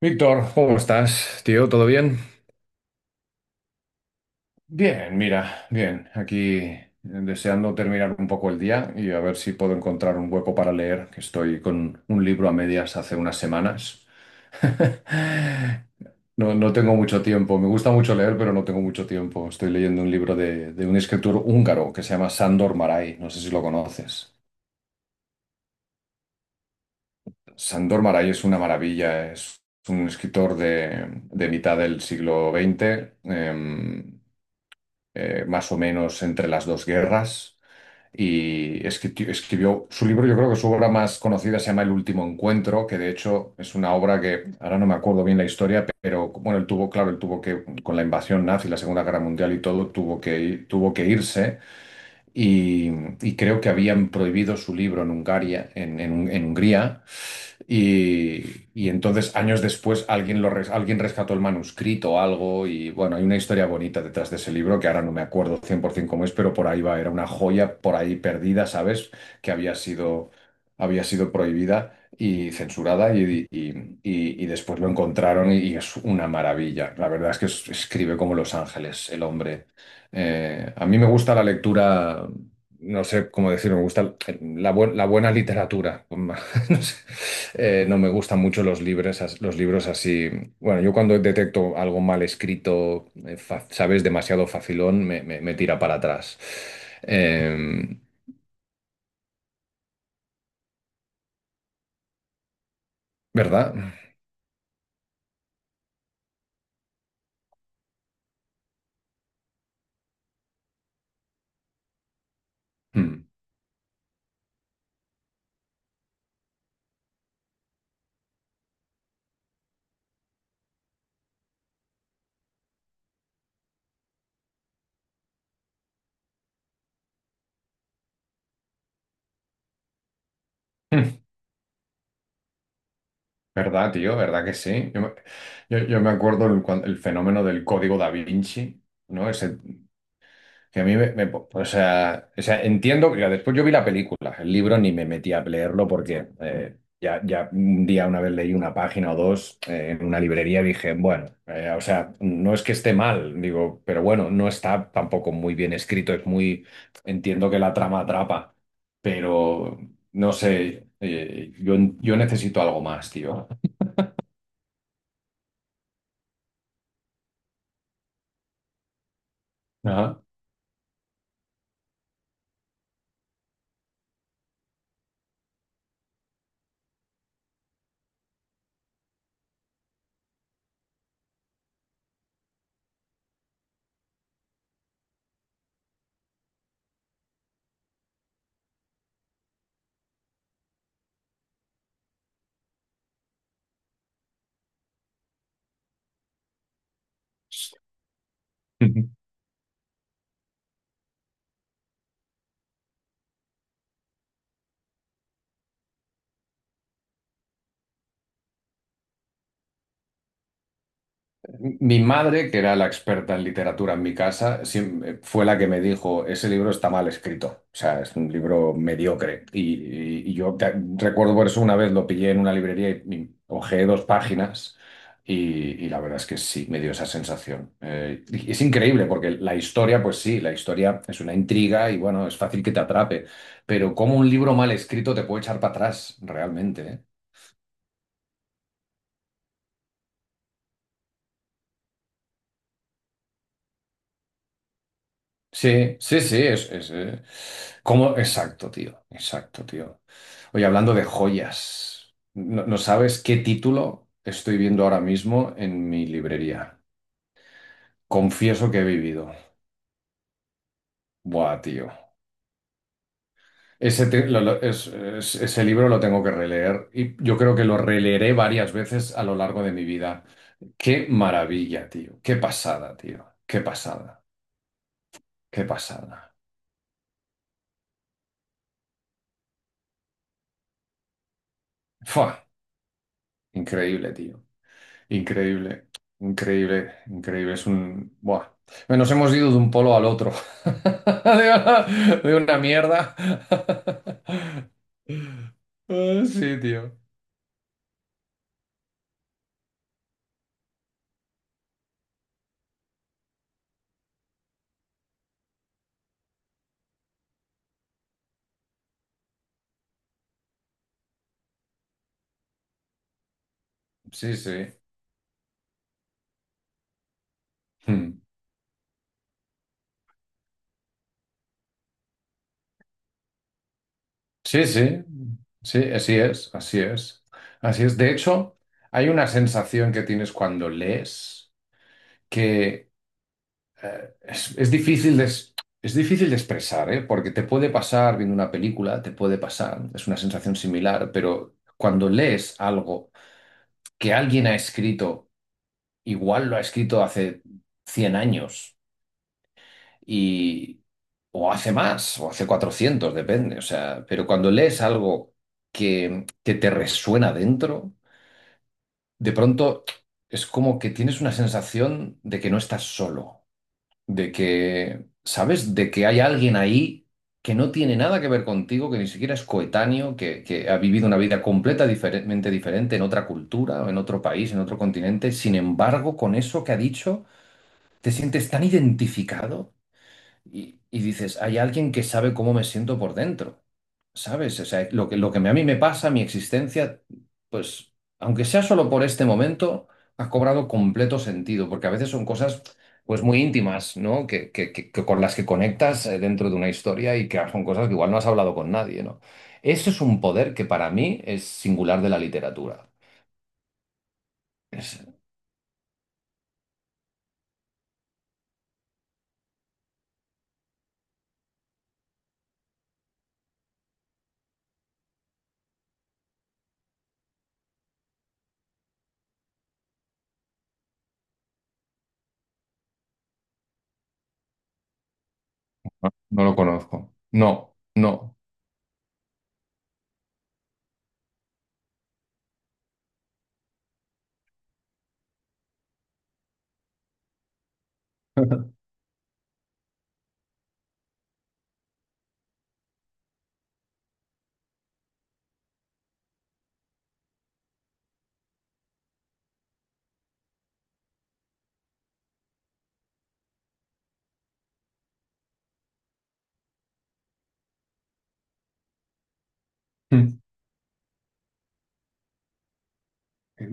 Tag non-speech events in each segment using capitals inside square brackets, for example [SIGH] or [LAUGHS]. Víctor, ¿cómo estás, tío? ¿Todo bien? Bien, mira, bien, aquí deseando terminar un poco el día y a ver si puedo encontrar un hueco para leer, que estoy con un libro a medias hace unas semanas. [LAUGHS] No, no tengo mucho tiempo, me gusta mucho leer, pero no tengo mucho tiempo. Estoy leyendo un libro de un escritor húngaro que se llama Sándor Márai, no sé si lo conoces. Sándor Márai es una maravilla, es un escritor de mitad del siglo XX, más o menos entre las dos guerras. Y escribió su libro, yo creo que su obra más conocida se llama El último encuentro, que de hecho es una obra que ahora no me acuerdo bien la historia, pero bueno, él tuvo, claro, él tuvo que, con la invasión nazi, la Segunda Guerra Mundial y todo, tuvo que irse y, creo que habían prohibido su libro en Hungaria, en Hungría. Y entonces, años después, alguien rescató el manuscrito o algo. Y bueno, hay una historia bonita detrás de ese libro que ahora no me acuerdo 100% cómo es, pero por ahí va. Era una joya por ahí perdida, ¿sabes? Que había sido prohibida y censurada. Y después lo encontraron y, es una maravilla. La verdad es que escribe como Los Ángeles, el hombre. A mí me gusta la lectura, no sé cómo decirlo, me gusta la buena literatura. [LAUGHS] No sé. No me gustan mucho los libros así. Bueno, yo cuando detecto algo mal escrito, sabes, demasiado facilón, me tira para atrás. Eh, ¿Verdad? Hmm. Hmm. ¿Verdad, tío? ¿Verdad que sí? Yo me acuerdo el fenómeno del Código Da Vinci, ¿no? Ese. Que a mí o sea, entiendo que después yo vi la película, el libro ni me metí a leerlo porque ya, ya un día una vez leí una página o dos en una librería y dije, bueno, o sea, no es que esté mal, digo, pero bueno, no está tampoco muy bien escrito, es muy... Entiendo que la trama atrapa, pero no sé, yo, necesito algo más, tío. Ajá. Mi madre, que era la experta en literatura en mi casa, fue la que me dijo, ese libro está mal escrito, o sea, es un libro mediocre. Y yo recuerdo por eso una vez lo pillé en una librería y hojeé dos páginas y, y la verdad es que sí, me dio esa sensación. Y es increíble porque la historia, pues sí, la historia es una intriga y bueno, es fácil que te atrape, pero cómo un libro mal escrito te puede echar para atrás, realmente, ¿eh? Sí, sí, sí, ¿cómo? Exacto, tío, exacto, tío. Oye, hablando de joyas, no, no sabes qué título estoy viendo ahora mismo en mi librería. Confieso que he vivido. Buah, tío. Ese, te- lo- es- ese libro lo tengo que releer y yo creo que lo releeré varias veces a lo largo de mi vida. Qué maravilla, tío. Qué pasada, tío. Qué pasada. Qué pasada. Fua, increíble, tío. Increíble, increíble, increíble. Es un... Buah. Bueno, nos hemos ido de un polo al otro. [LAUGHS] De una, de una mierda. [LAUGHS] Ah, sí, tío. Sí, sí. Hmm. Sí, sí. Sí, así es, así es. Así es. De hecho, hay una sensación que tienes cuando lees que eh, es, es difícil de, es es difícil de expresar, ¿eh? Porque te puede pasar viendo una película, te puede pasar, es una sensación similar, pero cuando lees algo que alguien ha escrito, igual lo ha escrito hace 100 años y o hace más o hace 400, depende, o sea, pero cuando lees algo que te resuena dentro, de pronto es como que tienes una sensación de que no estás solo, de que, ¿sabes? De que hay alguien ahí que no tiene nada que ver contigo, que ni siquiera es coetáneo, que ha vivido una vida completa diferentemente diferente en otra cultura, o en otro país, en otro continente. Sin embargo, con eso que ha dicho, te sientes tan identificado y dices, hay alguien que sabe cómo me siento por dentro, ¿sabes? O sea, lo que a mí me pasa, mi existencia, pues, aunque sea solo por este momento, ha cobrado completo sentido, porque a veces son cosas, pues, muy íntimas, ¿no? Que con las que conectas, dentro de una historia y que son cosas que igual no has hablado con nadie, ¿no? Eso es un poder que para mí es singular de la literatura. Es- no lo conozco. No, no. [LAUGHS]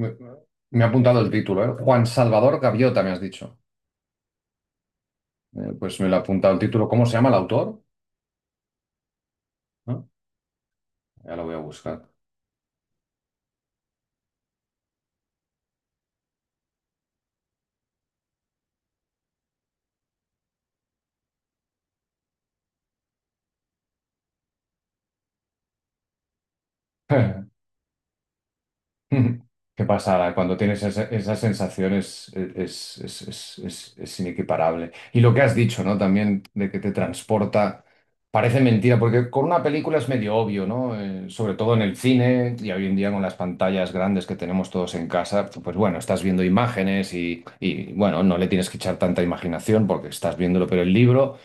Me, me ha apuntado el título, ¿eh? Juan Salvador Gaviota, me has dicho. Pues me lo ha apuntado el título. ¿Cómo se llama el autor? ¿No? Ya lo voy a buscar. [LAUGHS] [LAUGHS] Ujú. Qué pasada, cuando tienes esa, esa sensación es inequiparable. Y lo que has dicho, ¿no? También de que te transporta, parece mentira, porque con una película es medio obvio, ¿no? Sobre todo en el cine y hoy en día con las pantallas grandes que tenemos todos en casa, pues bueno, estás viendo imágenes y bueno, no le tienes que echar tanta imaginación porque estás viéndolo, pero el libro...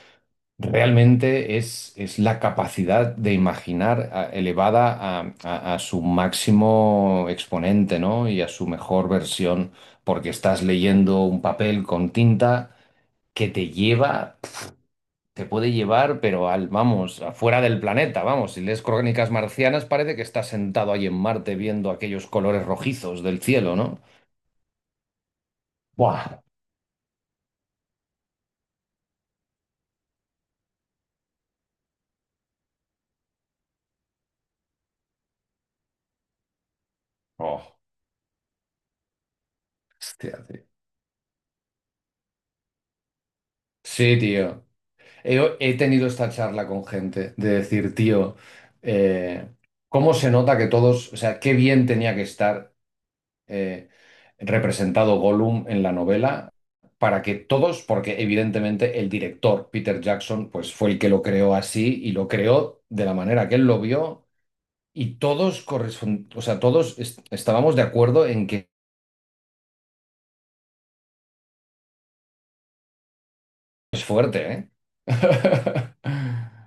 Realmente es la capacidad de imaginar elevada a, a su máximo exponente, ¿no? Y a su mejor versión, porque estás leyendo un papel con tinta que te lleva, te puede llevar, pero al, vamos, afuera del planeta, vamos, si lees Crónicas Marcianas parece que estás sentado ahí en Marte viendo aquellos colores rojizos del cielo, ¿no? ¡Buah! Oh, hostia, tío. Sí, tío. He tenido esta charla con gente de decir, tío, eh, ¿cómo se nota que todos, o sea, qué bien tenía que estar eh, representado Gollum en la novela para que todos, porque evidentemente el director Peter Jackson, pues fue el que lo creó así y lo creó de la manera que él lo vio y todos o sea, todos estábamos de acuerdo en que es fuerte, ¿eh? [LAUGHS]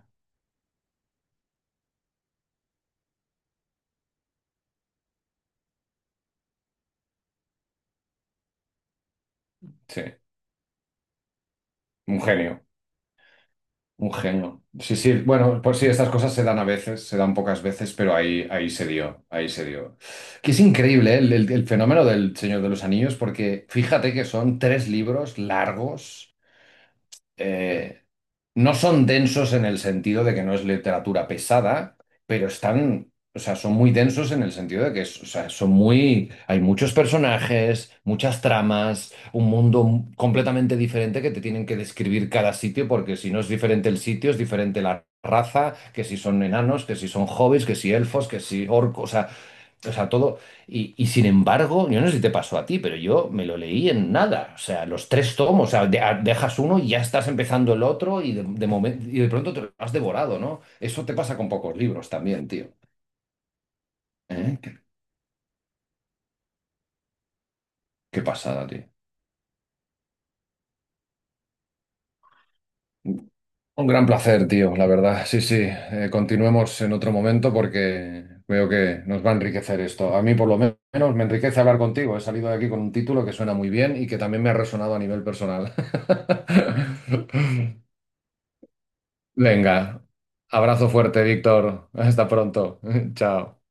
Sí, un genio. Un genio. Sí, sí, bueno, pues sí, estas cosas se dan a veces, se dan pocas veces, pero ahí, ahí se dio, ahí se dio. Que es increíble, ¿eh? El fenómeno del Señor de los Anillos, porque fíjate que son tres libros largos, eh, no son densos en el sentido de que no es literatura pesada, pero están, o sea, son muy densos en el sentido de que, o sea, son muy, hay muchos personajes, muchas tramas, un mundo completamente diferente que te tienen que describir cada sitio, porque si no es diferente el sitio, es diferente la raza, que si son enanos, que si son hobbits, que si elfos, que si orcos, o sea, todo. Y sin embargo, yo no sé si te pasó a ti, pero yo me lo leí en nada. O sea, los tres tomos. O sea, dejas uno y ya estás empezando el otro y de momento, y de pronto te lo has devorado, ¿no? Eso te pasa con pocos libros también, tío. ¿Eh? Qué pasada, tío. Un gran placer, tío, la verdad. Sí, sí. Continuemos en otro momento porque veo que nos va a enriquecer esto. A mí, por lo menos, me enriquece hablar contigo. He salido de aquí con un título que suena muy bien y que también me ha resonado a nivel personal. [LAUGHS] Venga, abrazo fuerte, Víctor. [LAUGHS] Hasta pronto. [LAUGHS] Chao.